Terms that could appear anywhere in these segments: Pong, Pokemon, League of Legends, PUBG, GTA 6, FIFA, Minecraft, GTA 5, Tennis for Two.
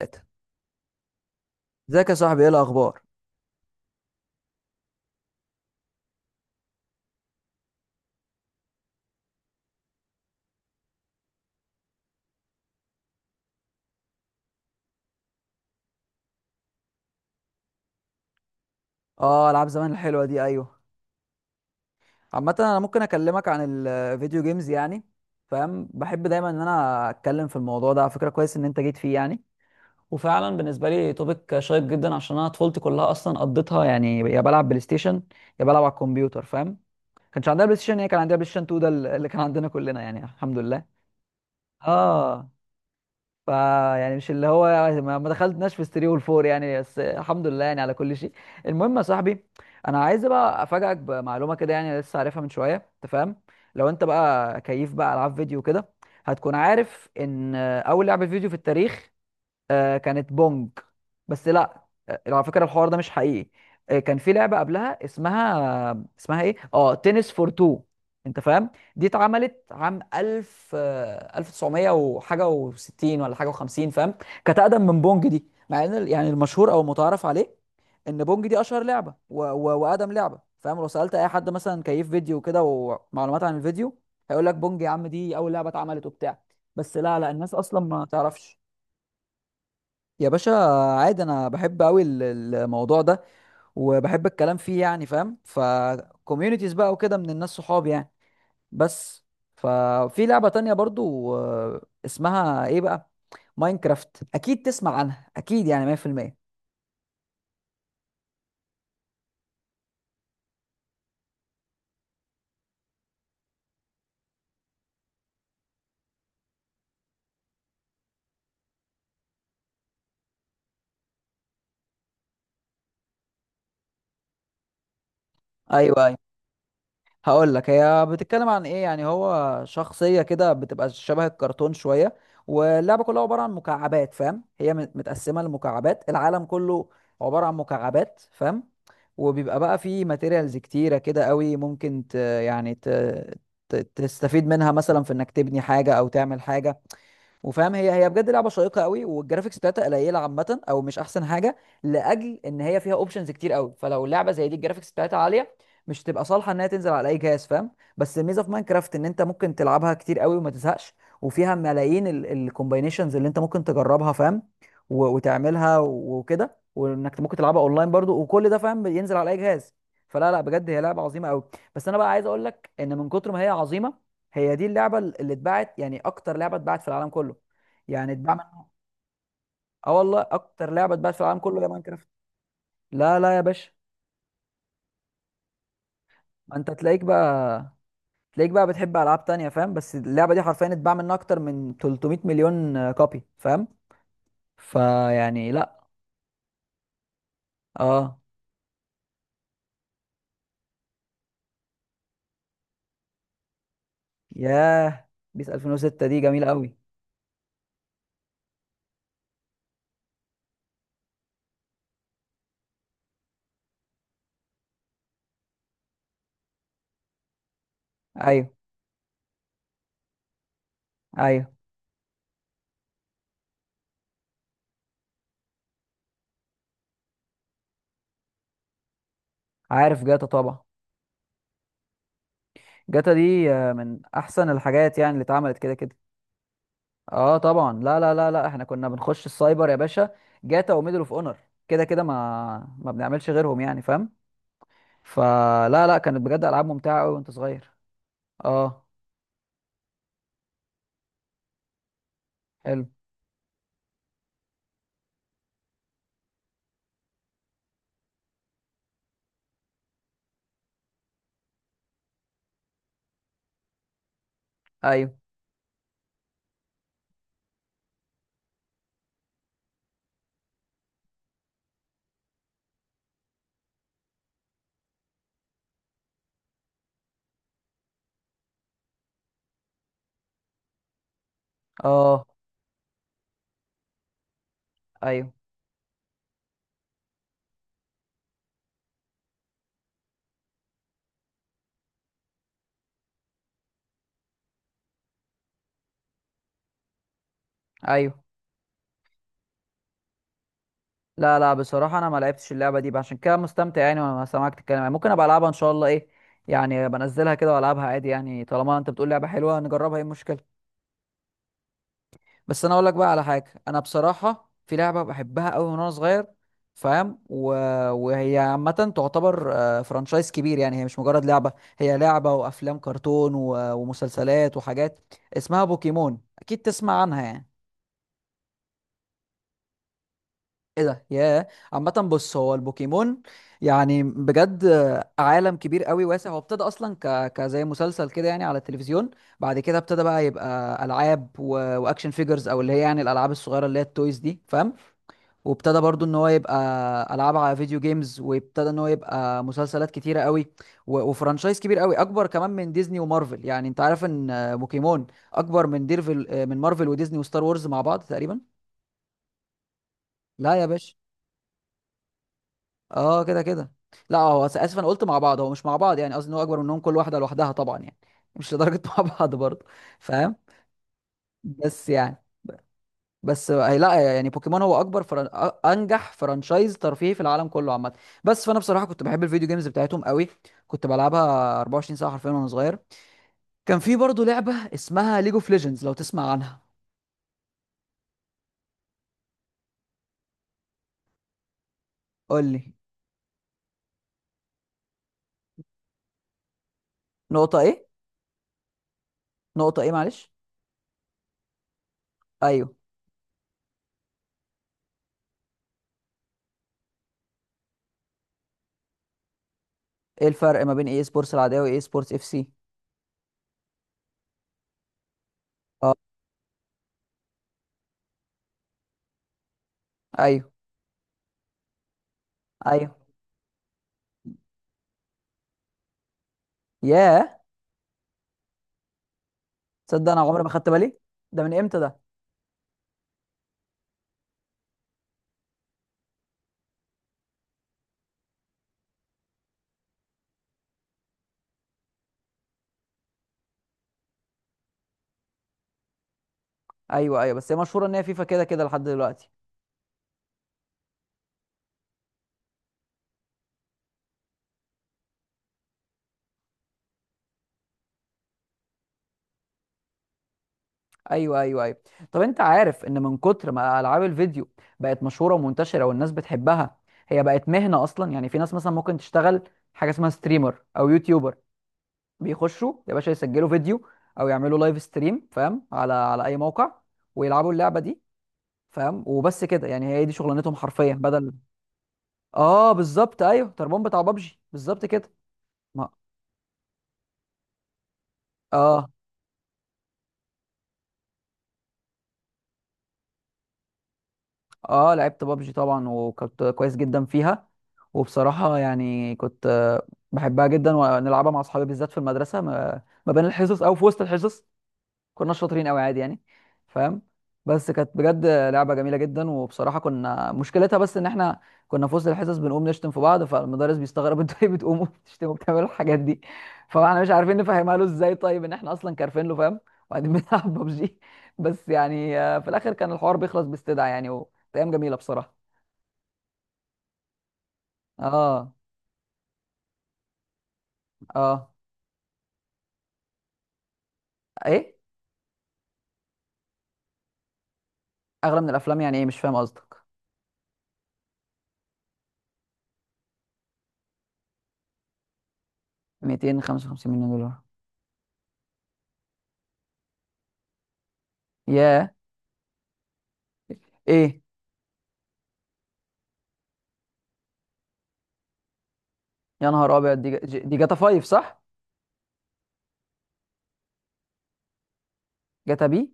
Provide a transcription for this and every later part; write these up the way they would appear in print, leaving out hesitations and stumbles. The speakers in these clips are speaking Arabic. تلاتة. ازيك يا صاحبي، ايه الاخبار؟ اه، العاب زمان الحلوه دي، ايوه. عامه انا ممكن اكلمك عن الفيديو جيمز يعني، فاهم. بحب دايما ان انا اتكلم في الموضوع ده على فكره، كويس ان انت جيت فيه يعني. وفعلا بالنسبه لي توبيك شيق جدا، عشان انا طفولتي كلها اصلا قضيتها يعني يا بلعب بلاي ستيشن يا بلعب على الكمبيوتر، فاهم. كانش عندنا بلاي ستيشن، هي كان عندنا بلاي ستيشن 2، ده اللي كان عندنا كلنا يعني، الحمد لله. اه فا يعني مش اللي هو ما دخلتناش في الثري والفور يعني، بس الحمد لله يعني على كل شيء. المهم يا صاحبي، انا عايز بقى افاجئك بمعلومه كده، يعني لسه عارفها من شويه، انت فاهم. لو انت بقى كيف بقى العاب فيديو كده، هتكون عارف ان اول لعبه فيديو في التاريخ كانت بونج. بس لا. على فكره الحوار ده مش حقيقي. كان في لعبه قبلها اسمها ايه، تنس فور تو، انت فاهم. دي اتعملت عام 1000، 1900 وحاجه و60، ولا حاجه و50، فاهم. كانت اقدم من بونج دي، مع ان يعني المشهور او المتعارف عليه ان بونج دي اشهر لعبه واقدم لعبه، فاهم. لو سالت اي حد مثلا كيف فيديو كده ومعلومات عن الفيديو، هيقول لك بونج يا عم، دي اول لعبه اتعملت وبتاع. بس لا لا، الناس اصلا ما تعرفش. يا باشا، عادي انا بحب قوي الموضوع ده، وبحب الكلام فيه يعني، فاهم. فكوميونيتيز بقى وكده من الناس صحابي يعني. بس ففي لعبة تانية برضو، اسمها ايه بقى؟ ماينكرافت اكيد تسمع عنها، اكيد يعني 100%. ايوه، هقول لك هي بتتكلم عن ايه يعني. هو شخصية كده بتبقى شبه الكرتون شوية، واللعبة كلها عبارة عن مكعبات، فاهم. هي متقسمة لمكعبات، العالم كله عبارة عن مكعبات، فاهم. وبيبقى بقى فيه ماتيريالز كتيرة كده قوي، ممكن يعني تستفيد منها مثلا في انك تبني حاجة او تعمل حاجة، وفاهم. هي بجد لعبه شيقه قوي، والجرافيكس بتاعتها قليله عامه، او مش احسن حاجه، لاجل ان هي فيها اوبشنز كتير قوي. فلو لعبه زي دي الجرافيكس بتاعتها عاليه، مش تبقى صالحه انها تنزل على اي جهاز، فاهم. بس الميزه في ماينكرافت ان انت ممكن تلعبها كتير قوي وما تزهقش، وفيها ملايين الكومباينيشنز اللي انت ممكن تجربها، فاهم. وتعملها وكده، وانك ممكن تلعبها اونلاين برضو وكل ده، فاهم، ينزل على اي جهاز. فلا لا، بجد هي لعبه عظيمه قوي. بس انا بقى عايز اقول لك ان من كتر ما هي عظيمه، هي دي اللعبه اللي اتباعت يعني اكتر لعبه اتباعت في العالم كله. يعني اتباع منها، اه والله، اكتر لعبه اتباعت في العالم كله هي ماينكرافت. لا لا يا باشا. ما انت تلاقيك بقى بتحب العاب تانية، فاهم. بس اللعبه دي حرفيا اتباع منها اكتر من 300 مليون كوبي، فاهم. فيعني لا. اه. ياه، بيس 2006 دي جميله قوي. ايوه، ايوه، عارف جاتا طبعا. جاتا دي من احسن الحاجات يعني اللي اتعملت كده كده. اه طبعا، لا لا لا لا، احنا كنا بنخش السايبر يا باشا. جاتا وميدل اوف اونر كده كده، ما بنعملش غيرهم يعني، فاهم. فلا لا، كانت بجد العاب ممتعه قوي وانت صغير. اه. حلو. ايوه. اه، ايوه، ايوه. لا لا، بصراحه انا ما لعبتش اللعبه دي بقى، عشان كده مستمتع يعني وانا سامعك تتكلم، يعني ممكن ابقى العبها ان شاء الله، ايه يعني، بنزلها كده والعبها عادي، يعني طالما انت بتقول لعبه حلوه نجربها، ايه المشكله. بس انا اقول لك بقى على حاجه، انا بصراحه في لعبه بحبها قوي من وانا صغير، فاهم. وهي عامه تعتبر فرانشايز كبير، يعني هي مش مجرد لعبه، هي لعبه وافلام كرتون ومسلسلات وحاجات. اسمها بوكيمون، اكيد تسمع عنها يعني. ايه ده يا! عامه بص، هو البوكيمون يعني بجد عالم كبير قوي واسع. هو ابتدى اصلا كزي مسلسل كده يعني على التلفزيون. بعد كده ابتدى بقى يبقى العاب واكشن فيجرز، او اللي هي يعني الالعاب الصغيره اللي هي التويز دي، فاهم. وابتدى برضو ان هو يبقى العاب على فيديو جيمز، وابتدى ان هو يبقى مسلسلات كتيره قوي وفرانشايز كبير قوي، اكبر كمان من ديزني ومارفل. يعني انت عارف ان بوكيمون اكبر من ديرفل آه، من مارفل وديزني وستار وورز مع بعض تقريبا. لا يا باشا. اه كده كده. لا، هو اسف، انا قلت مع بعض، هو مش مع بعض يعني، قصدي ان هو اكبر منهم كل واحده لوحدها طبعا يعني، مش لدرجه مع بعض برضه، فاهم. بس يعني، بس هي لا يعني، بوكيمون هو اكبر انجح فرانشايز ترفيهي في العالم كله عامه. بس فانا بصراحه كنت بحب الفيديو جيمز بتاعتهم قوي، كنت بلعبها 24 ساعه حرفيا وانا صغير. كان في برضه لعبه اسمها ليج اوف ليجندز، لو تسمع عنها. قول لي. نقطه ايه؟ نقطه ايه، معلش؟ ايوه. ايه الفرق ما بين اي سبورتس العاديه واي سبورتس اف سي؟ اه. ايوه ايوه. ياه، تصدق انا عمري ما خدت بالي. ده من امتى ده؟ ايوه ايوه، بس هي مشهوره ان هي فيفا كده كده لحد دلوقتي. ايوه ايوه ايوه. طب انت عارف ان من كتر ما العاب الفيديو بقت مشهوره ومنتشره والناس بتحبها، هي بقت مهنه اصلا. يعني في ناس مثلا ممكن تشتغل حاجه اسمها ستريمر او يوتيوبر، بيخشوا يا باشا يسجلوا فيديو او يعملوا لايف ستريم، فاهم، على اي موقع، ويلعبوا اللعبه دي، فاهم، وبس كده يعني، هي دي شغلانتهم حرفيا بدل. اه بالظبط، ايوه تربون بتاع بابجي بالظبط كده. ما اه. اه لعبت بابجي طبعا، وكنت كويس جدا فيها، وبصراحة يعني كنت بحبها جدا، ونلعبها مع اصحابي بالذات في المدرسة ما بين الحصص او في وسط الحصص، كنا شاطرين قوي عادي يعني، فاهم. بس كانت بجد لعبه جميله جدا، وبصراحه كنا مشكلتها بس ان احنا كنا في وسط الحصص بنقوم نشتم في بعض، فالمدرس بيستغرب انتوا ليه بتقوموا بتشتموا بتعملوا الحاجات دي؟ فاحنا مش عارفين نفهمها له ازاي، طيب ان احنا اصلا كارفين له، فاهم. وبعدين بنلعب ببجي. بس يعني في الاخر كان الحوار بيخلص باستدعاء يعني، وكانت ايام جميله بصراحه. اه. اه. ايه اغلى من الافلام؟ يعني ايه، مش فاهم قصدك. 255 مليون دولار! ياه. ايه؟ يا نهار ابيض، دي دي جاتا 5 صح؟ جاتا بي،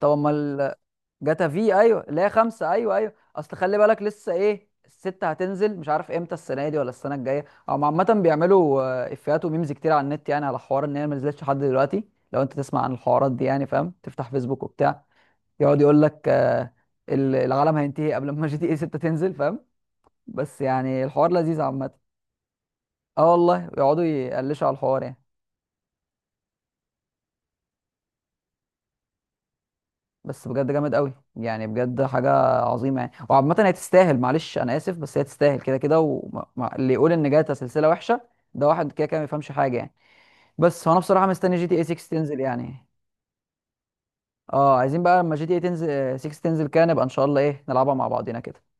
طب امال. جاتا في، ايوه، اللي هي خمسه. ايوه ايوه، اصل خلي بالك، لسه ايه الستة هتنزل، مش عارف امتى، السنه دي ولا السنه الجايه. او عامه بيعملوا افيهات وميمز كتير على النت، يعني على حوار ان هي ما نزلتش لحد دلوقتي. لو انت تسمع عن الحوارات دي يعني، فاهم، تفتح فيسبوك وبتاع، يقعد يقول لك العالم هينتهي قبل ما جي تي اي 6 تنزل، فاهم. بس يعني الحوار لذيذ عامه. اه والله، يقعدوا يقلشوا على الحوار يعني. بس بجد جامد قوي يعني، بجد حاجه عظيمه يعني. وعامه هي تستاهل، معلش انا اسف، بس هي تستاهل كده كده. واللي يقول ان جاتا سلسله وحشه، ده واحد كده كده ما يفهمش حاجه يعني. بس هو انا بصراحه مستني جي تي اي 6 تنزل يعني. اه، عايزين بقى لما جي تي اي تنزل 6 تنزل كده، نبقى ان شاء الله ايه نلعبها مع بعضينا كده.